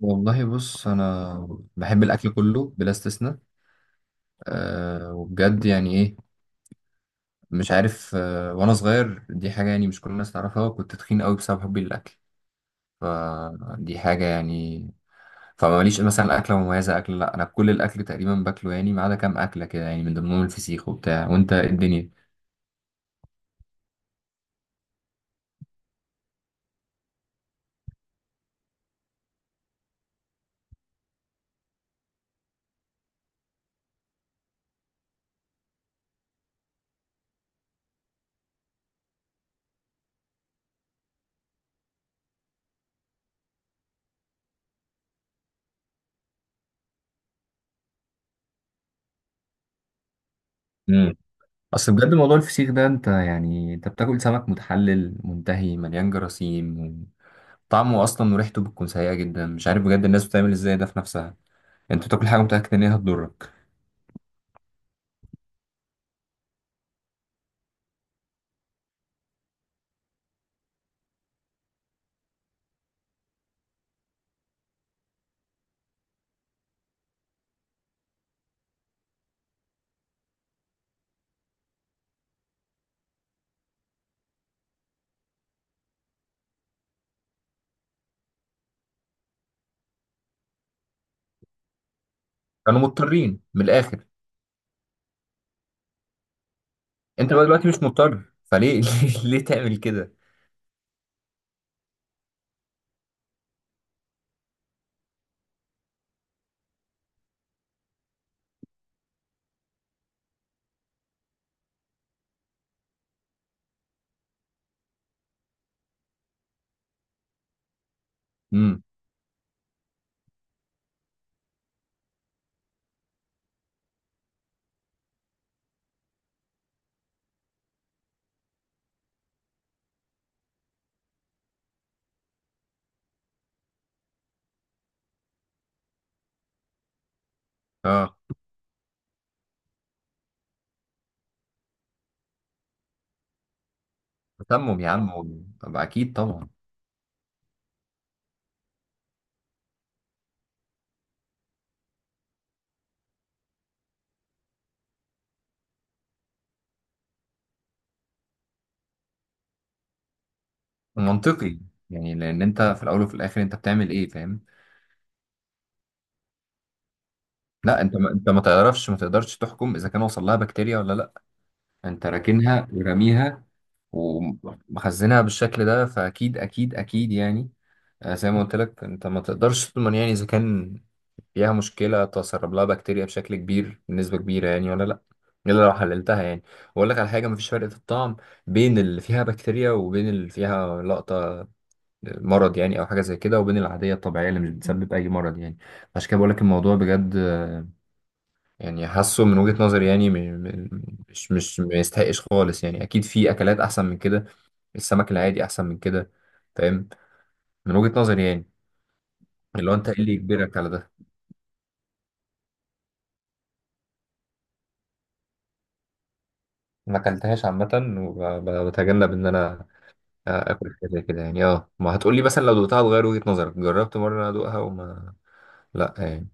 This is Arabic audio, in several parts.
والله بص انا بحب الاكل كله بلا استثناء. وبجد يعني ايه. مش عارف، وانا صغير دي حاجه يعني مش كل الناس تعرفها، كنت تخين قوي بسبب حبي للاكل. فدي حاجه يعني. فماليش مثلا اكله مميزه اكل، لا انا كل الاكل تقريبا باكله يعني، ما عدا كام اكله كده يعني، من ضمنهم الفسيخ وبتاع. وانت إيه الدنيا. امم اصل بجد موضوع الفسيخ ده، انت يعني انت بتاكل سمك متحلل منتهي مليان جراثيم. طعمه اصلا وريحته بتكون سيئه جدا، مش عارف بجد الناس بتعمل ازاي ده في نفسها. انت بتاكل حاجه متاكد ان هي هتضرك. كانوا مضطرين من الاخر. انت بقى دلوقتي مش مضطر، فليه ليه تعمل كده؟ امم. اه، تسمم يا عم طب اكيد طبعا. منطقي. يعني لان انت في الاول وفي الاخر انت بتعمل ايه؟ فاهم. لا انت، ما انت ما تعرفش، ما تقدرش تحكم اذا كان وصل لها بكتيريا ولا لا. انت راكنها ورميها ومخزنها بالشكل ده، فاكيد اكيد يعني. زي ما قلت لك، انت ما تقدرش تضمن يعني اذا كان فيها مشكله، تسرب لها بكتيريا بشكل كبير بنسبه كبيره يعني، ولا لا. الا لو حللتها يعني. واقول لك على حاجه: مفيش فرق في الطعم بين اللي فيها بكتيريا وبين اللي فيها لقطه مرض يعني او حاجه زي كده، وبين العاديه الطبيعيه اللي مش بتسبب اي مرض يعني. عشان كده بقول لك الموضوع بجد، يعني حاسه من وجهه نظري يعني م- مش ما يستحقش خالص يعني. اكيد في اكلات احسن من كده. السمك العادي احسن من كده. فاهم؟ من وجهه نظري يعني. اللي هو انت ايه اللي يجبرك على ده؟ ما اكلتهاش عامه، وبتجنب ان انا اكل حاجه زي كده يعني. اه ما هتقولي مثلا لو دوقتها هتغير وجهه نظرك، جربت مره ادوقها وما، لا يعني.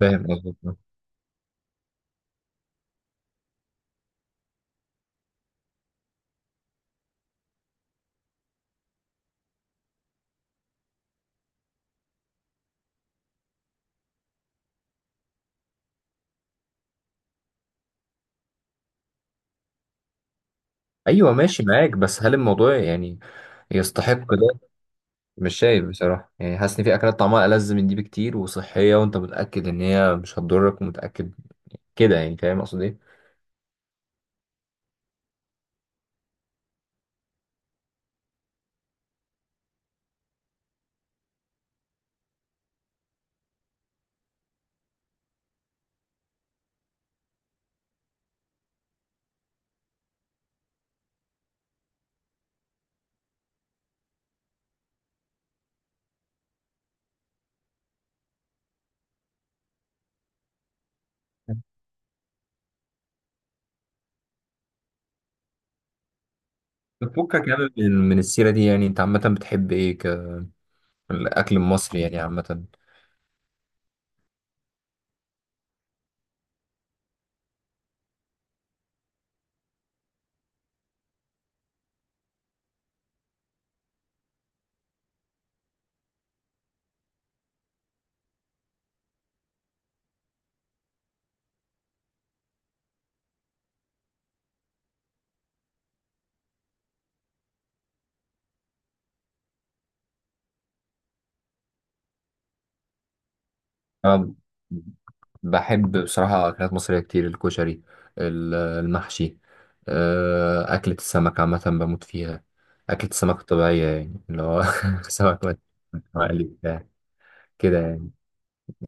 فاهم قصدك. ايوه ماشي معاك، بس هل الموضوع يعني يستحق ده؟ مش شايف بصراحه يعني. حاسس ان في اكلات طعمها ألذ من دي بكتير، وصحيه، وانت متاكد ان هي مش هتضرك ومتاكد كده يعني. فاهم اقصد ايه؟ بتفكك يعني، من السيره دي يعني، انت عامه بتحب ايه كالاكل المصري يعني عامه؟ أنا بحب بصراحة أكلات مصرية كتير: الكشري، المحشي، أكلة السمك عامة بموت فيها. أكلة السمك الطبيعية يعني اللي هو سمك مقلي بتاع كده يعني.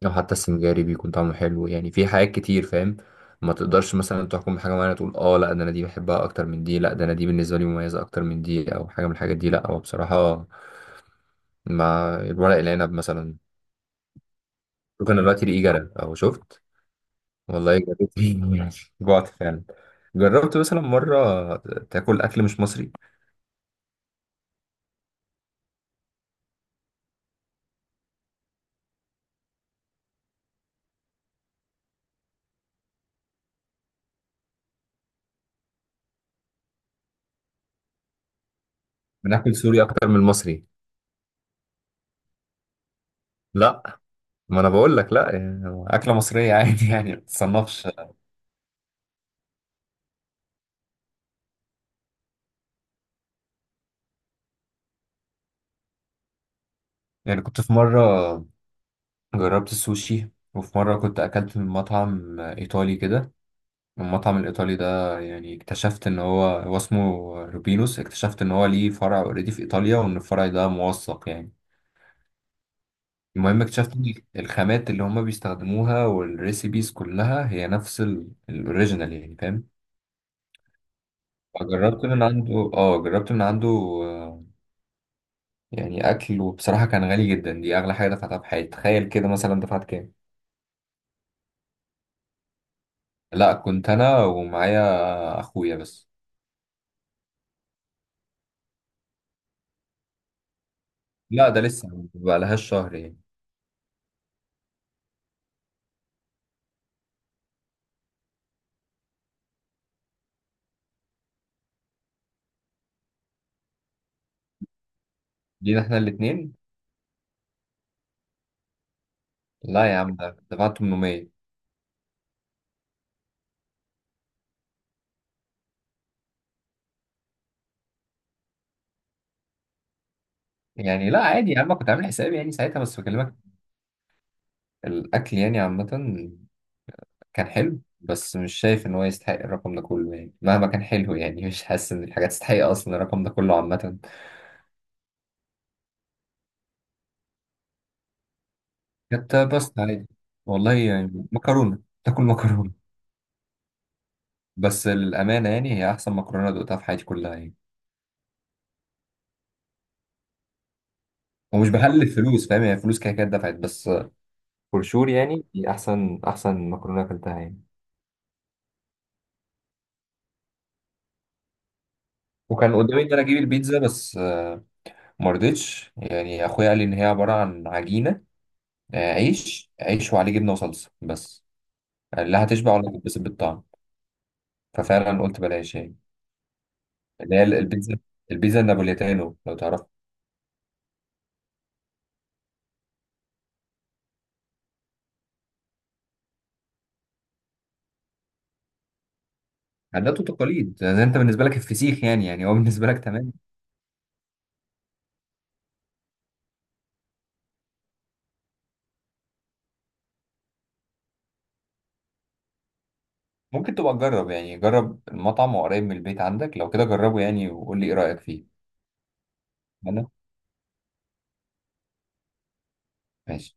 أو حتى السنجاري بيكون طعمه حلو يعني. في حاجات كتير فاهم. ما تقدرش مثلا تحكم بحاجة معينة تقول اه لا ده أنا دي بحبها أكتر من دي، لا ده أنا دي بالنسبة لي مميزة أكتر من دي، أو حاجة من الحاجات دي. لا هو بصراحة مع الورق العنب مثلا ممكن دلوقتي ريقي جرى أو شفت. والله يا ريت جوعت فعلا. جربت مثلا مرة تاكل أكل مش مصري؟ بناكل سوري أكتر من المصري. لا ما أنا بقول لك لا يعني أكلة مصرية عادي يعني ما تتصنفش. يعني كنت في مرة جربت السوشي، وفي مرة كنت أكلت من مطعم إيطالي كده. المطعم الإيطالي ده يعني اكتشفت إن هو اسمه روبينوس، اكتشفت إن هو ليه فرع أوريدي في إيطاليا، وإن الفرع ده موثق يعني. المهم اكتشفت ان الخامات اللي هما بيستخدموها والريسيبيز كلها هي نفس الاوريجينال يعني. فاهم؟ جربت من عنده، اه جربت من عنده، يعني اكل وبصراحة كان غالي جدا. دي اغلى حاجة دفعتها في حياتي. تخيل كده مثلا دفعت كام؟ لا كنت انا ومعايا اخويا بس. لا ده لسه ما بقالهاش شهر يعني. جينا احنا الاتنين، لا يا عم ده دفعت 800. يعني لا عادي يا عم، كنت عامل حسابي يعني ساعتها، بس بكلمك. الاكل يعني عامة كان حلو، بس مش شايف ان هو يستحق الرقم ده كله يعني. مهما كان حلو يعني، مش حاسس ان الحاجات تستحق اصلا الرقم ده كله عامه. كانت بس عادي، والله يعني مكرونه تاكل مكرونه. بس للامانه يعني هي احسن مكرونه دقتها في حياتي كلها يعني. ومش بهلف فلوس فاهم، يعني فلوس كده كده دفعت، بس فور شور يعني دي احسن مكرونه اكلتها يعني. وكان قدامي ان انا اجيب البيتزا بس ما رضيتش يعني. اخويا قال لي ان هي عباره عن عجينه، عيش وعليه جبنه وصلصه بس. قال لي لا هتشبع ولا هتتبسط بالطعم. ففعلا قلت بلاش يعني، اللي هي البيتزا. البيتزا النابوليتانو لو تعرف. عادات وتقاليد يعني، انت بالنسبه لك الفسيخ يعني، يعني هو بالنسبه لك تمام. ممكن تبقى تجرب يعني، جرب المطعم، وقريب من البيت عندك لو كده جربه يعني، وقول لي ايه رايك فيه. انا ماشي.